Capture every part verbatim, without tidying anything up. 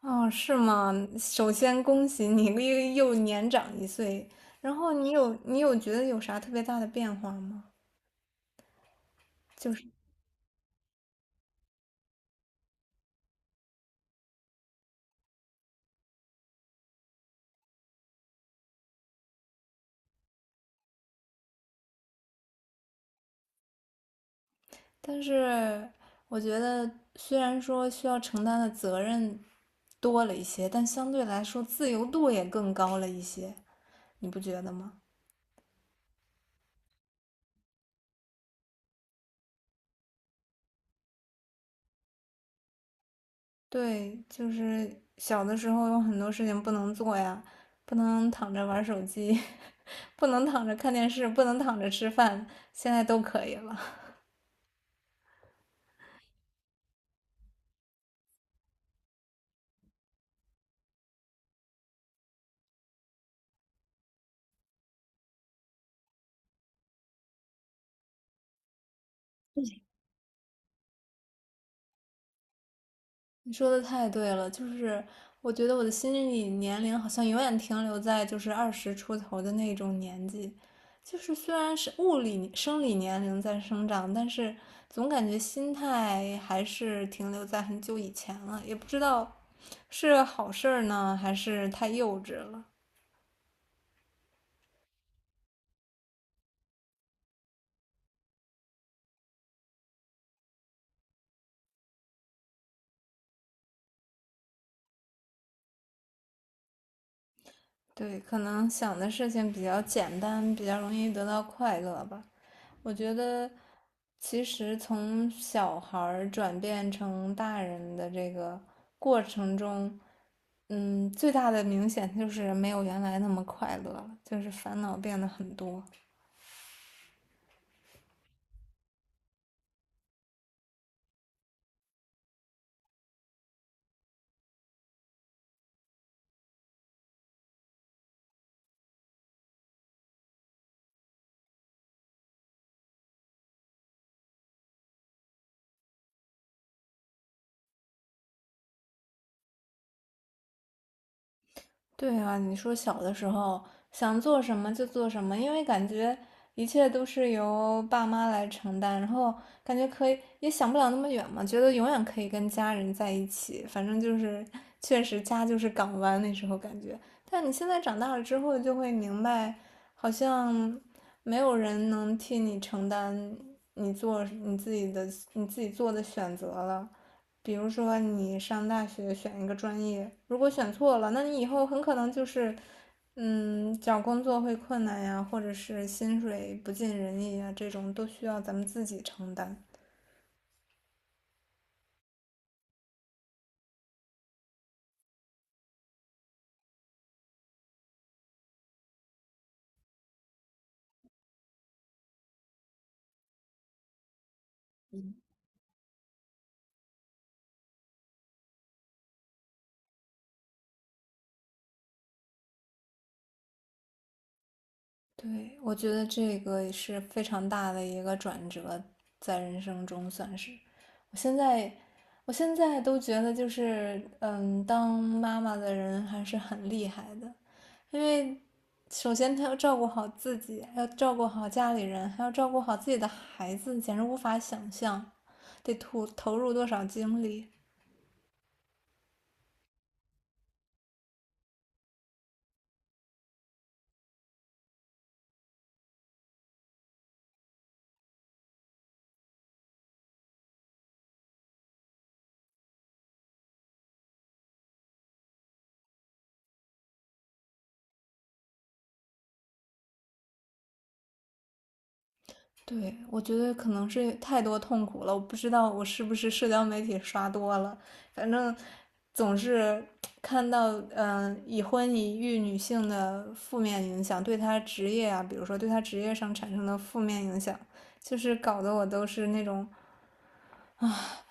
哦，是吗？首先恭喜你又又年长一岁，然后你有你有觉得有啥特别大的变化吗？就是，但是我觉得虽然说需要承担的责任多了一些，但相对来说自由度也更高了一些，你不觉得吗？对，就是小的时候有很多事情不能做呀，不能躺着玩手机，不能躺着看电视，不能躺着吃饭，现在都可以了。你说的太对了，就是我觉得我的心理年龄好像永远停留在就是二十出头的那种年纪，就是虽然是物理生理年龄在生长，但是总感觉心态还是停留在很久以前了，也不知道是好事儿呢，还是太幼稚了。对，可能想的事情比较简单，比较容易得到快乐吧。我觉得，其实从小孩儿转变成大人的这个过程中，嗯，最大的明显就是没有原来那么快乐了，就是烦恼变得很多。对啊，你说小的时候想做什么就做什么，因为感觉一切都是由爸妈来承担，然后感觉可以也想不了那么远嘛，觉得永远可以跟家人在一起，反正就是确实家就是港湾那时候感觉。但你现在长大了之后就会明白，好像没有人能替你承担你做你自己的你自己做的选择了。比如说你上大学选一个专业，如果选错了，那你以后很可能就是，嗯，找工作会困难呀，或者是薪水不尽人意呀，这种都需要咱们自己承担。对，我觉得这个也是非常大的一个转折，在人生中算是。我现在，我现在都觉得就是，嗯，当妈妈的人还是很厉害的。因为首先他要照顾好自己，还要照顾好家里人，还要照顾好自己的孩子，简直无法想象得投投入多少精力。对，我觉得可能是太多痛苦了，我不知道我是不是社交媒体刷多了，反正总是看到，嗯、呃已婚已育女性的负面影响，对她职业啊，比如说对她职业上产生的负面影响，就是搞得我都是那种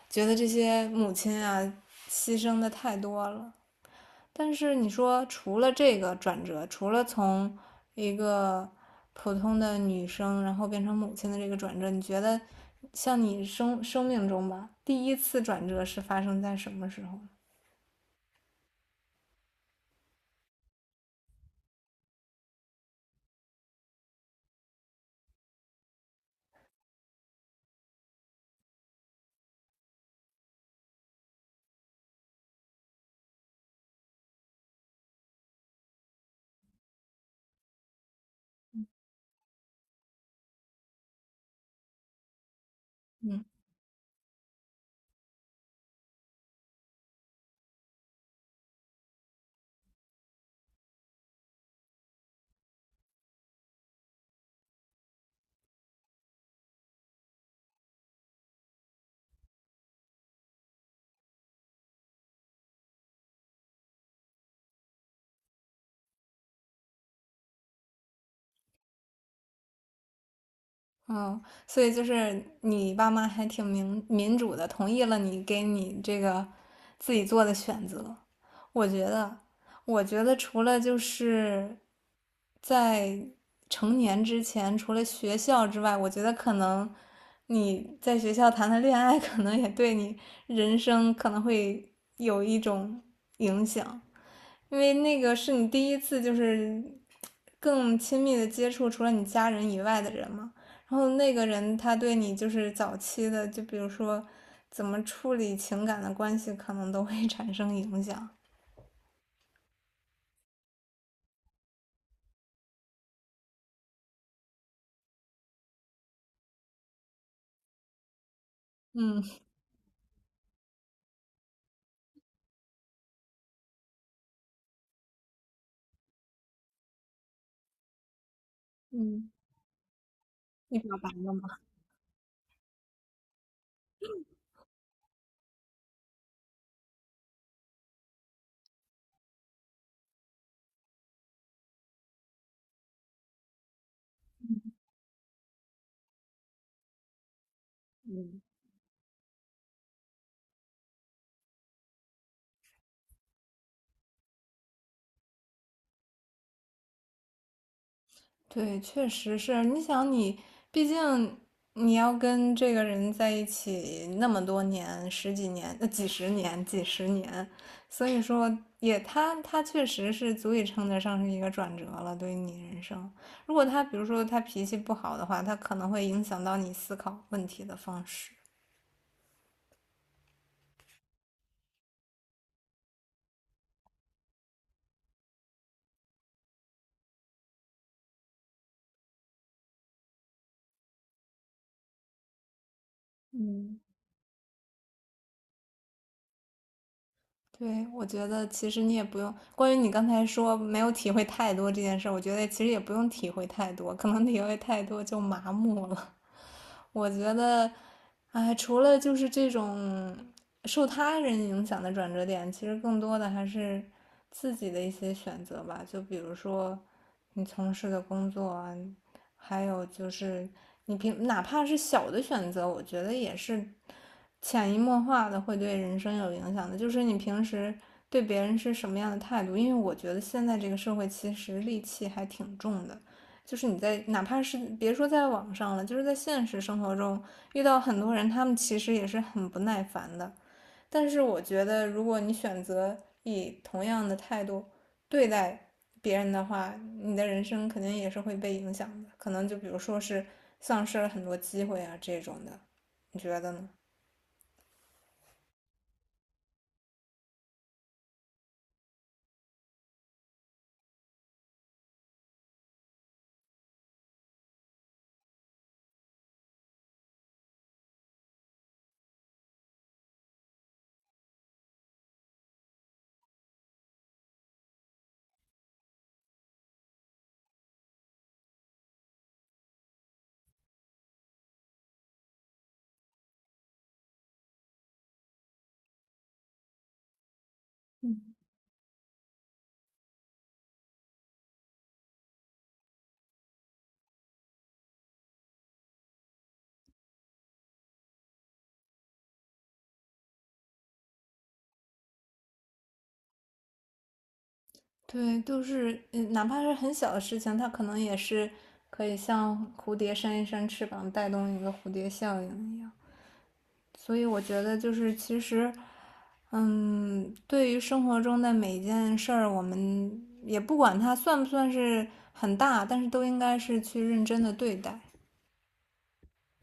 觉得这些母亲啊牺牲的太多了。但是你说，除了这个转折，除了从一个普通的女生，然后变成母亲的这个转折，你觉得像你生生命中吧，第一次转折是发生在什么时候？嗯，哦，所以就是你爸妈还挺民民主的，同意了你给你这个自己做的选择。我觉得，我觉得除了就是在成年之前，除了学校之外，我觉得可能你在学校谈的恋爱，可能也对你人生可能会有一种影响，因为那个是你第一次就是更亲密的接触除了你家人以外的人嘛。然后那个人他对你就是早期的，就比如说怎么处理情感的关系，可能都会 产生影响。嗯嗯，你表白了吗？对，确实是。你想你，毕竟你要跟这个人在一起那么多年，十几年、呃几十年、几十年，所以说也他他确实是足以称得上是一个转折了，对于你人生。如果他比如说他脾气不好的话，他可能会影响到你思考问题的方式。对，我觉得其实你也不用，关于你刚才说没有体会太多这件事儿，我觉得其实也不用体会太多，可能体会太多就麻木了。我觉得，哎，除了就是这种受他人影响的转折点，其实更多的还是自己的一些选择吧。就比如说你从事的工作啊，还有就是你平哪怕是小的选择，我觉得也是潜移默化的会对人生有影响的。就是你平时对别人是什么样的态度，因为我觉得现在这个社会其实戾气还挺重的。就是你在哪怕是别说在网上了，就是在现实生活中遇到很多人，他们其实也是很不耐烦的。但是我觉得，如果你选择以同样的态度对待别人的话，你的人生肯定也是会被影响的，可能就比如说是丧失了很多机会啊这种的，你觉得呢？对，就是嗯哪怕是很小的事情，它可能也是可以像蝴蝶扇一扇翅膀，带动一个蝴蝶效应一样。所以我觉得就是其实，嗯，对于生活中的每一件事儿，我们也不管它算不算是很大，但是都应该是去认真的对待。